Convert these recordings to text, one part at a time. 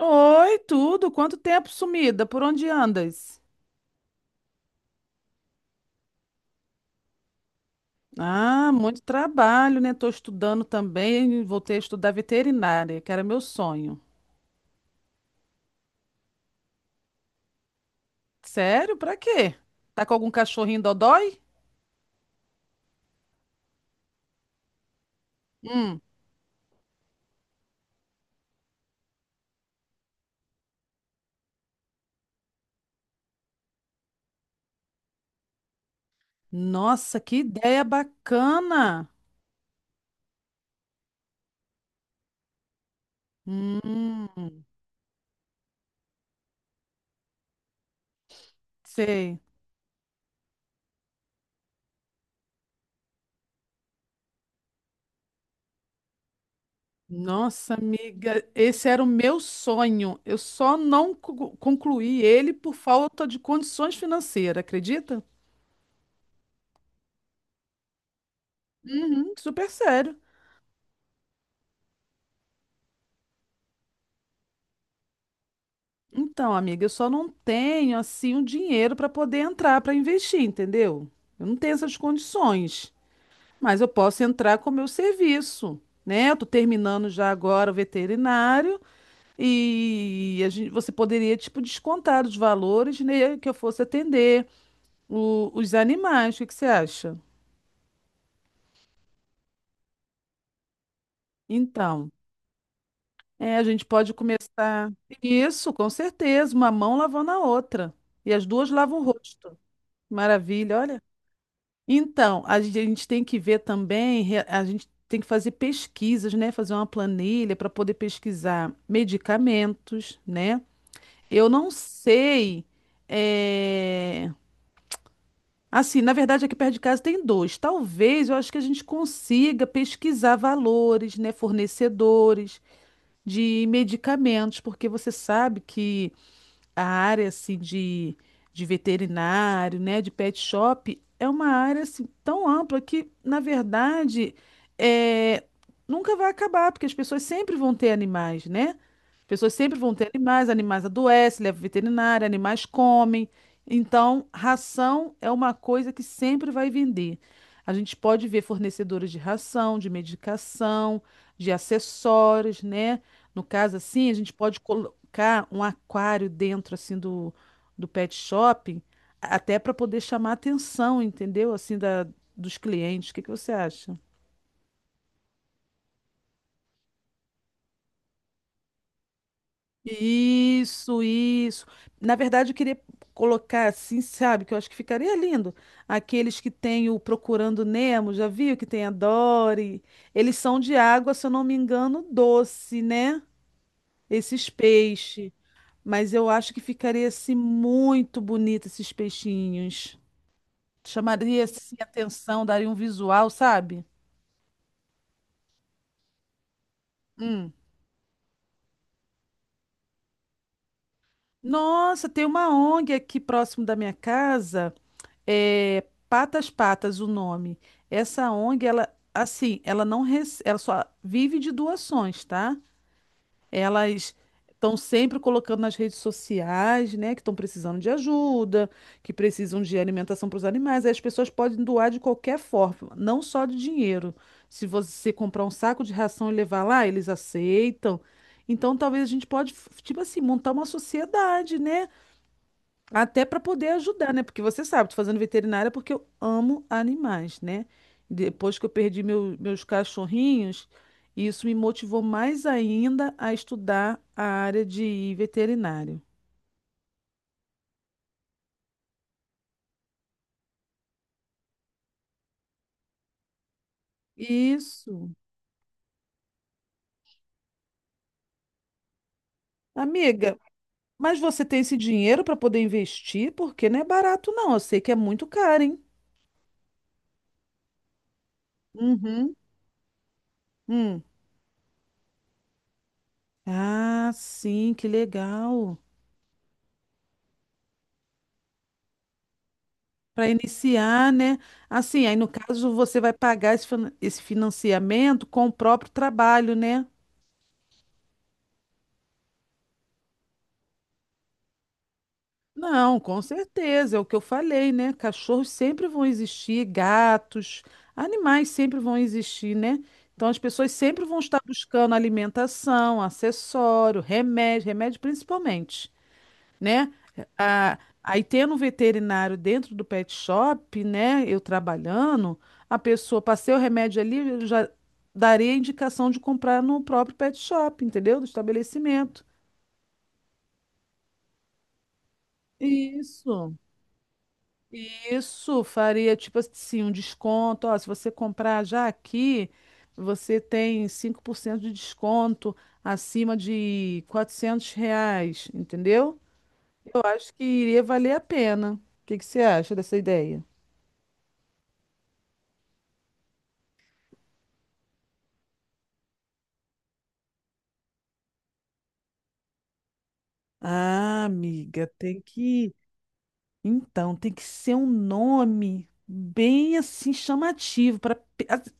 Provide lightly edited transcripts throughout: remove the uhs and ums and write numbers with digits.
Oi, tudo? Quanto tempo sumida? Por onde andas? Ah, muito trabalho, né? Tô estudando também, voltei a estudar veterinária, que era meu sonho. Sério? Pra quê? Tá com algum cachorrinho dodói? Hum. Nossa, que ideia bacana! Hum, sei. Nossa, amiga, esse era o meu sonho. Eu só não concluí ele por falta de condições financeiras, acredita? Uhum, super sério. Então, amiga, eu só não tenho assim um dinheiro para poder entrar para investir, entendeu? Eu não tenho essas condições, mas eu posso entrar com o meu serviço, né? Eu tô terminando já agora o veterinário e a gente, você poderia tipo descontar os valores, né, que eu fosse atender os animais. O que que você acha? Então, a gente pode começar isso, com certeza, uma mão lavando a outra e as duas lavam o rosto. Maravilha, olha. Então, a gente tem que ver também, a gente tem que fazer pesquisas, né? Fazer uma planilha para poder pesquisar medicamentos, né? Eu não sei. é, Assim, na verdade, aqui perto de casa tem dois. Talvez eu acho que a gente consiga pesquisar valores, né? Fornecedores de medicamentos, porque você sabe que a área de veterinário, né, de pet shop, é uma área assim tão ampla que, na verdade, é, nunca vai acabar, porque as pessoas sempre vão ter animais, né? As pessoas sempre vão ter animais, animais adoecem, levam veterinário, animais comem. Então, ração é uma coisa que sempre vai vender. A gente pode ver fornecedores de ração, de medicação, de acessórios, né? No caso, assim, a gente pode colocar um aquário dentro, assim, do pet shop, até para poder chamar a atenção, entendeu? Dos clientes. O que que você acha? Isso, isso. Na verdade, eu queria colocar assim, sabe, que eu acho que ficaria lindo. Aqueles que tem o Procurando Nemo, já viu que tem a Dory? Eles são de água, se eu não me engano, doce, né? Esses peixes. Mas eu acho que ficaria assim muito bonito esses peixinhos. Chamaria assim atenção, daria um visual, sabe? Hum. Nossa, tem uma ONG aqui próximo da minha casa, é Patas Patas o nome. Essa ONG, ela assim, ela não ela só vive de doações, tá? Elas estão sempre colocando nas redes sociais, né, que estão precisando de ajuda, que precisam de alimentação para os animais. Aí as pessoas podem doar de qualquer forma, não só de dinheiro. Se você comprar um saco de ração e levar lá, eles aceitam. Então, talvez a gente pode, tipo assim, montar uma sociedade, né? Até para poder ajudar, né? Porque você sabe, tô fazendo veterinária porque eu amo animais, né? Depois que eu perdi meus cachorrinhos, isso me motivou mais ainda a estudar a área de veterinário. Isso. Amiga, mas você tem esse dinheiro para poder investir? Porque não é barato, não. Eu sei que é muito caro, hein? Uhum. Hum. Ah, sim, que legal. Para iniciar, né? Assim, aí no caso você vai pagar esse financiamento com o próprio trabalho, né? Não, com certeza, é o que eu falei, né? Cachorros sempre vão existir, gatos, animais sempre vão existir, né? Então as pessoas sempre vão estar buscando alimentação, acessório, remédio, remédio principalmente. Né? Aí tendo um veterinário dentro do pet shop, né? Eu trabalhando, a pessoa passei o remédio ali, eu já daria a indicação de comprar no próprio pet shop, entendeu? Do estabelecimento. Isso, isso faria tipo assim um desconto. Ó, se você comprar já aqui, você tem 5% de desconto acima de R$ 400, entendeu? Eu acho que iria valer a pena. O que que você acha dessa ideia? Ah, amiga, tem que. Então, tem que ser um nome bem assim chamativo para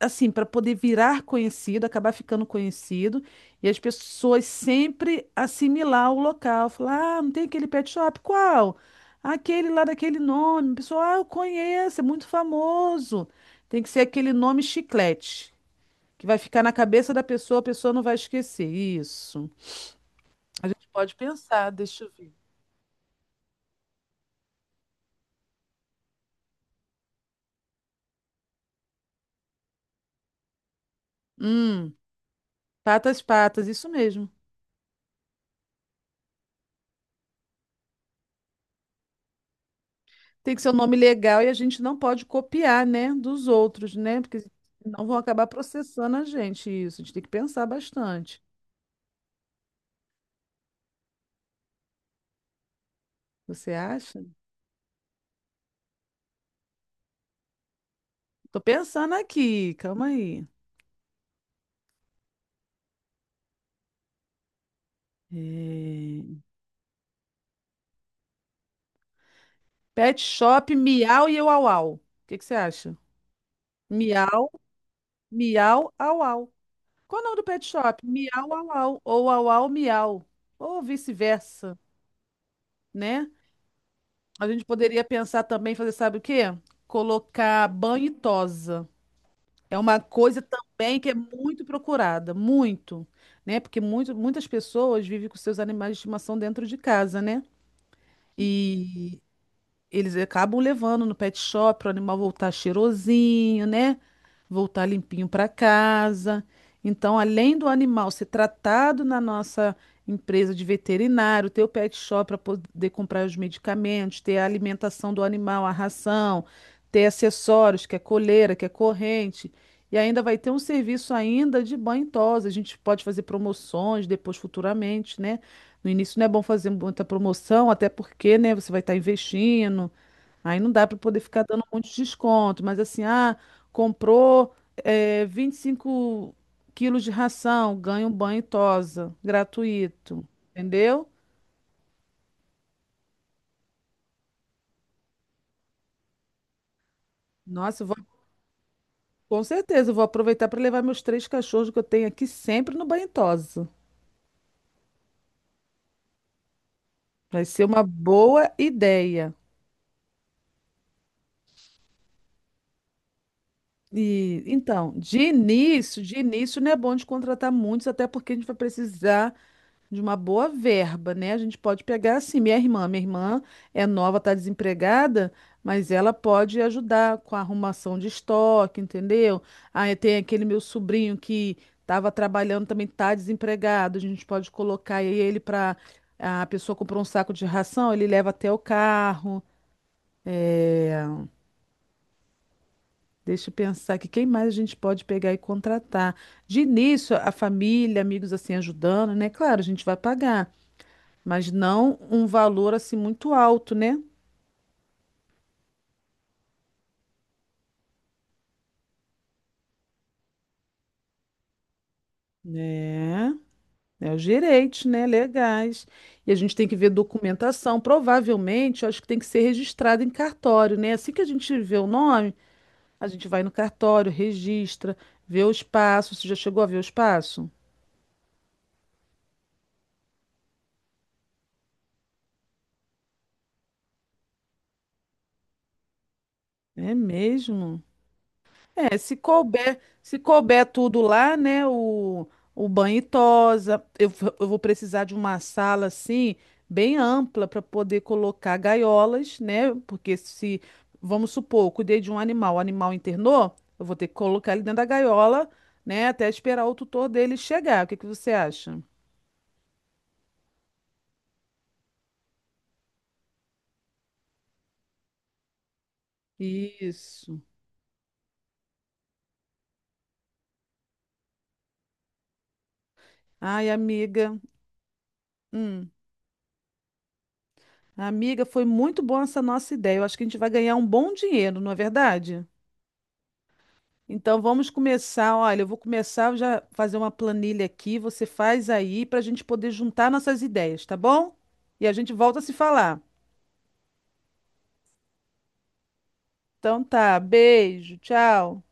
assim, para poder virar conhecido, acabar ficando conhecido e as pessoas sempre assimilar o local, falar: "Ah, não tem aquele pet shop? Qual? Aquele lá daquele nome". Pessoal, ah, eu conheço, é muito famoso. Tem que ser aquele nome chiclete, que vai ficar na cabeça da pessoa, a pessoa não vai esquecer. Isso. A gente pode pensar, deixa eu ver. Hum. Patas, patas, isso mesmo. Tem que ser um nome legal e a gente não pode copiar, né, dos outros, né? Porque senão vão acabar processando a gente isso. A gente tem que pensar bastante. Você acha? Tô pensando aqui, calma aí. É, Pet Shop Miau e Uau Au. O que que você acha? Miau, miau, au au. Qual é o nome do pet shop? Miau, au au. Ou au au, miau. Ou vice-versa, né? A gente poderia pensar também, fazer sabe o quê? Colocar banho e tosa. É uma coisa também que é muito procurada, muito, né? Porque muitas pessoas vivem com seus animais de estimação dentro de casa, né? E eles acabam levando no pet shop para o animal voltar cheirosinho, né? Voltar limpinho para casa. Então, além do animal ser tratado na nossa empresa de veterinário, ter o pet shop para poder comprar os medicamentos, ter a alimentação do animal, a ração, ter acessórios, que é coleira, que é corrente, e ainda vai ter um serviço ainda de banho e tosa. A gente pode fazer promoções depois futuramente, né? No início não é bom fazer muita promoção, até porque, né, você vai estar investindo. Aí não dá para poder ficar dando um monte de desconto, mas assim, ah, comprou 25 quilos de ração, ganha um banho e tosa, gratuito, entendeu? Nossa, eu vou, com certeza, eu vou aproveitar para levar meus 3 cachorros que eu tenho aqui sempre no banho e tosa. Vai ser uma boa ideia. De início não é bom de contratar muitos, até porque a gente vai precisar de uma boa verba, né? A gente pode pegar assim, minha irmã é nova, tá desempregada, mas ela pode ajudar com a arrumação de estoque, entendeu? Aí tem aquele meu sobrinho que estava trabalhando também tá desempregado, a gente pode colocar aí ele para a pessoa comprou um saco de ração, ele leva até o carro. Deixa eu pensar que quem mais a gente pode pegar e contratar. De início, a família, amigos assim ajudando, né? Claro, a gente vai pagar, mas não um valor assim muito alto, né? É, é os direitos, né? Legais. E a gente tem que ver documentação. Provavelmente, eu acho que tem que ser registrado em cartório, né? Assim que a gente vê o nome, a gente vai no cartório, registra, vê o espaço. Você já chegou a ver o espaço? É mesmo? É, se couber tudo lá, né? O banho e tosa, eu vou precisar de uma sala assim, bem ampla, para poder colocar gaiolas, né? Porque se, vamos supor, eu cuidei de um animal, o animal internou, eu vou ter que colocar ele dentro da gaiola, né? Até esperar o tutor dele chegar. O que que você acha? Isso. Ai, amiga. Hum. Amiga, foi muito boa essa nossa ideia. Eu acho que a gente vai ganhar um bom dinheiro, não é verdade? Então vamos começar. Olha, eu vou começar eu já fazer uma planilha aqui. Você faz aí para a gente poder juntar nossas ideias, tá bom? E a gente volta a se falar. Então tá, beijo, tchau.